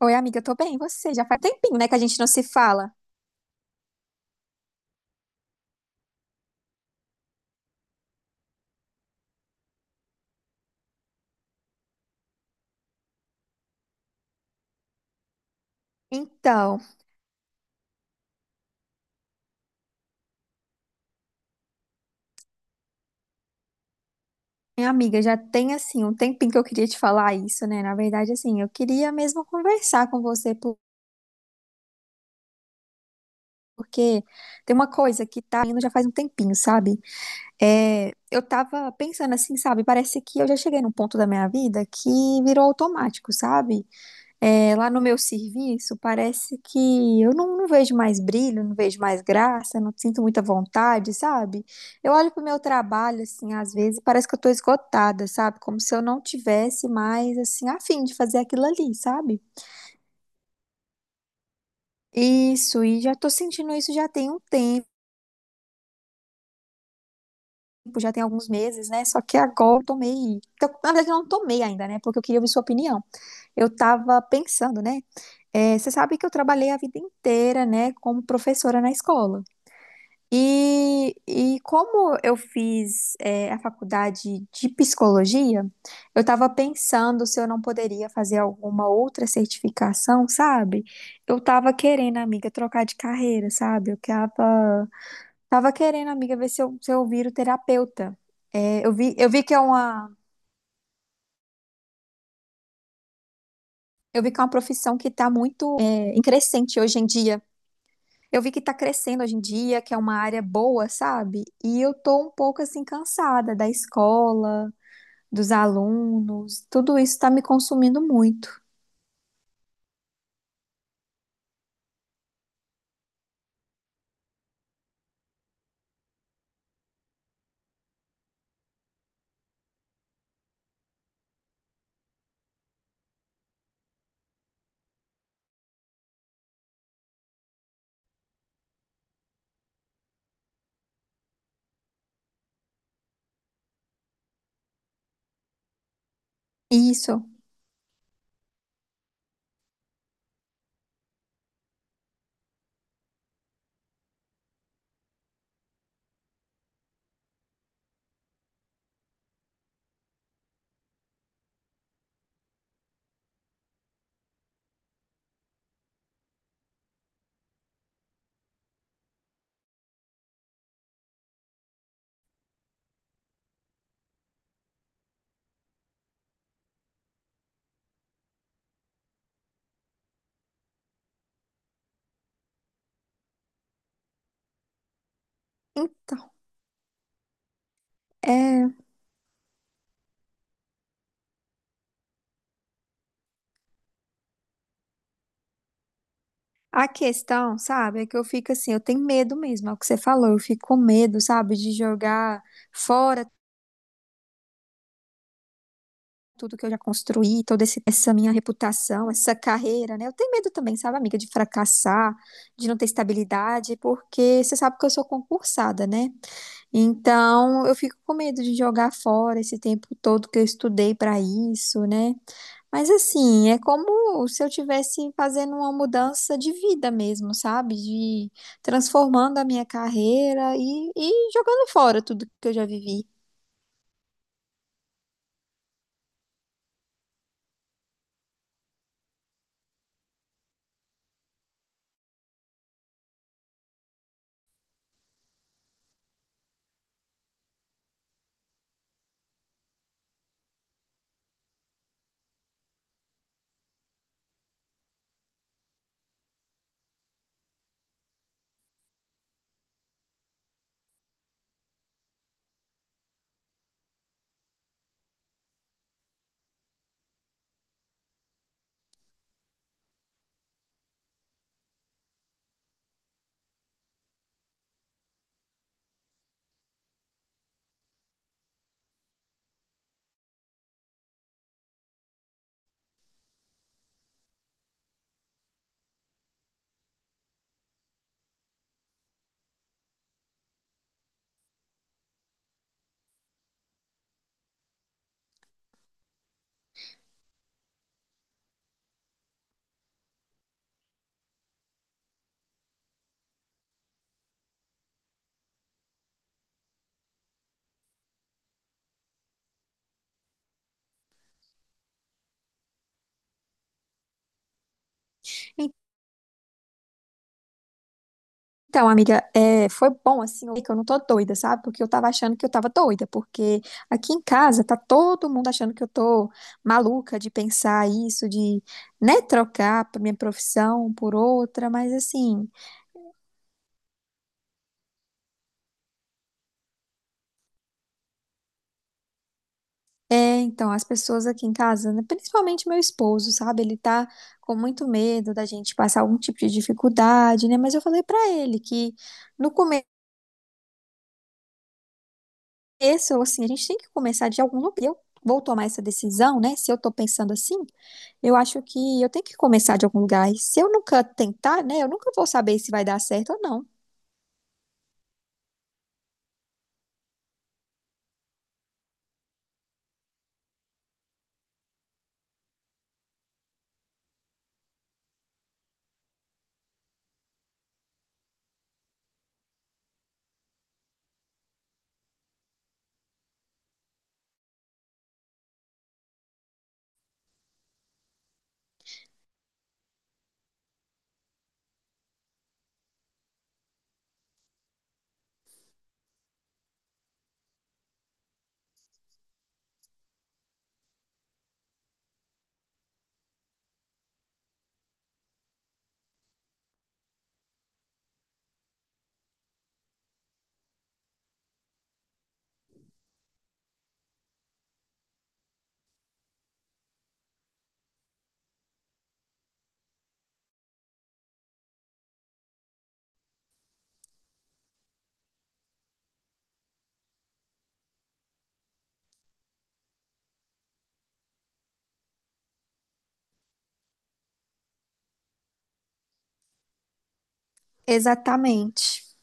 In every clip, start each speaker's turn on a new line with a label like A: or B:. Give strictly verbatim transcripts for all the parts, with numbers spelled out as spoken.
A: Oi, amiga, eu tô bem, e você? Já faz tempinho, né, que a gente não se fala. Então, minha amiga, já tem, assim, um tempinho que eu queria te falar isso, né? Na verdade, assim, eu queria mesmo conversar com você, por- porque tem uma coisa que tá indo já faz um tempinho, sabe? É, eu tava pensando assim, sabe? Parece que eu já cheguei num ponto da minha vida que virou automático, sabe? É, lá no meu serviço, parece que eu não, não vejo mais brilho, não vejo mais graça, não sinto muita vontade, sabe? Eu olho pro meu trabalho, assim, às vezes, e parece que eu tô esgotada, sabe? Como se eu não tivesse mais, assim, a fim de fazer aquilo ali, sabe? Isso, e já tô sentindo isso já tem um tempo, já tem alguns meses, né? Só que agora eu tomei. Então, na verdade, eu não tomei ainda, né? Porque eu queria ouvir sua opinião. Eu tava pensando, né? É, você sabe que eu trabalhei a vida inteira, né, como professora na escola. E, e como eu fiz, é, a faculdade de psicologia, eu estava pensando se eu não poderia fazer alguma outra certificação, sabe? Eu estava querendo, amiga, trocar de carreira, sabe? Eu tava, tava querendo, amiga, ver se eu, se eu viro terapeuta. É, eu vi, eu vi que é uma, eu vi que é uma profissão que está muito, é, em crescente hoje em dia. Eu vi que tá crescendo hoje em dia, que é uma área boa, sabe? E eu tô um pouco assim cansada da escola dos alunos, tudo isso está me consumindo muito. Isso. Então, é, a questão, sabe, é que eu fico assim, eu tenho medo mesmo, é o que você falou, eu fico com medo, sabe, de jogar fora tudo que eu já construí, toda esse- essa minha reputação, essa carreira, né? Eu tenho medo também, sabe, amiga, de fracassar, de não ter estabilidade, porque você sabe que eu sou concursada, né? Então, eu fico com medo de jogar fora esse tempo todo que eu estudei para isso, né? Mas assim, é como se eu tivesse fazendo uma mudança de vida mesmo, sabe? De transformando a minha carreira e, e jogando fora tudo que eu já vivi. Então, amiga, é, foi bom assim, ouvir que eu não tô doida, sabe? Porque eu tava achando que eu tava doida, porque aqui em casa tá todo mundo achando que eu tô maluca de pensar isso, de, né, trocar a minha profissão por outra, mas assim. É, então, as pessoas aqui em casa, né, principalmente meu esposo, sabe? Ele tá com muito medo da gente passar algum tipo de dificuldade, né? Mas eu falei pra ele que no começo, assim, a gente tem que começar de algum lugar. Eu vou tomar essa decisão, né? Se eu tô pensando assim, eu acho que eu tenho que começar de algum lugar. E se eu nunca tentar, né, eu nunca vou saber se vai dar certo ou não. Exatamente.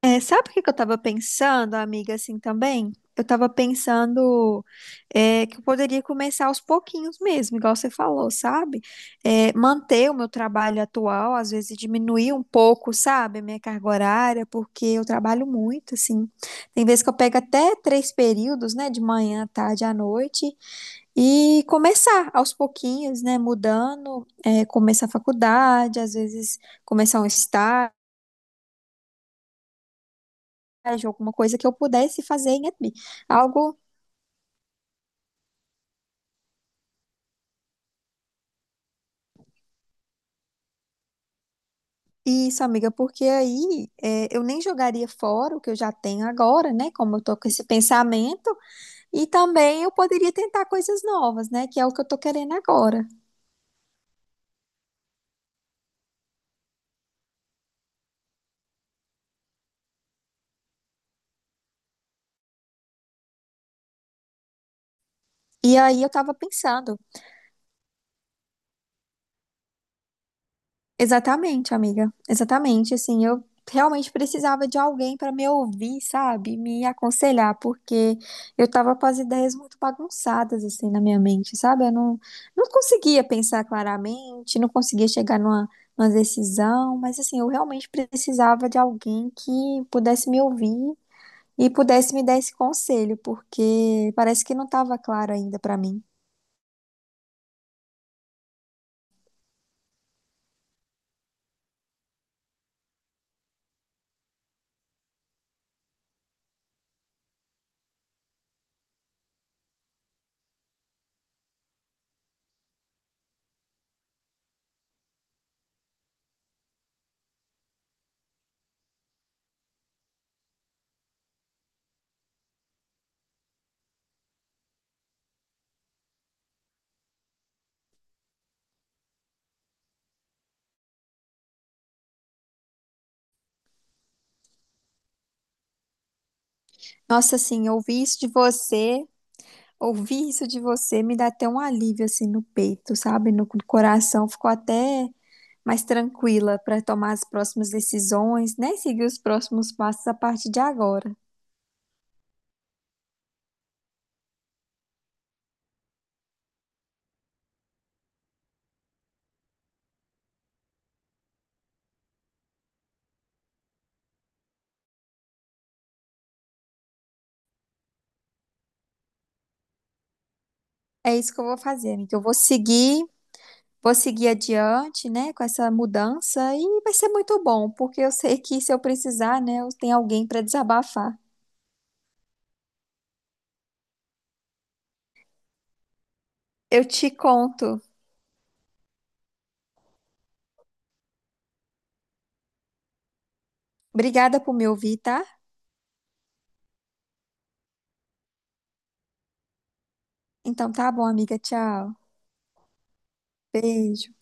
A: É, sabe o que que eu tava pensando, amiga, assim também? Eu tava pensando é, que eu poderia começar aos pouquinhos mesmo, igual você falou, sabe? É, manter o meu trabalho atual, às vezes diminuir um pouco, sabe, a minha carga horária, porque eu trabalho muito, assim. Tem vezes que eu pego até três períodos, né, de manhã, tarde, à noite, e começar aos pouquinhos, né, mudando, é, começar a faculdade, às vezes começar um estágio colégio, alguma coisa que eu pudesse fazer em E T B. Algo. Isso, amiga, porque aí é, eu nem jogaria fora o que eu já tenho agora, né? Como eu tô com esse pensamento, e também eu poderia tentar coisas novas, né? Que é o que eu tô querendo agora. E aí eu tava pensando. Exatamente, amiga. Exatamente, assim, eu realmente precisava de alguém para me ouvir, sabe? Me aconselhar, porque eu tava com as ideias muito bagunçadas assim na minha mente, sabe? Eu não, não conseguia pensar claramente, não conseguia chegar numa, numa decisão, mas assim, eu realmente precisava de alguém que pudesse me ouvir e pudesse me dar esse conselho, porque parece que não tava claro ainda para mim. Nossa, assim, eu ouvi isso de você. Ouvir isso de você me dá até um alívio assim no peito, sabe? No coração. Ficou até mais tranquila para tomar as próximas decisões, né? Seguir os próximos passos a partir de agora. É isso que eu vou fazer, amiga. Eu vou seguir, vou seguir adiante, né? Com essa mudança e vai ser muito bom, porque eu sei que se eu precisar, né? Eu tenho alguém para desabafar. Eu te conto. Obrigada por me ouvir, tá? Então tá bom, amiga. Tchau. Beijo.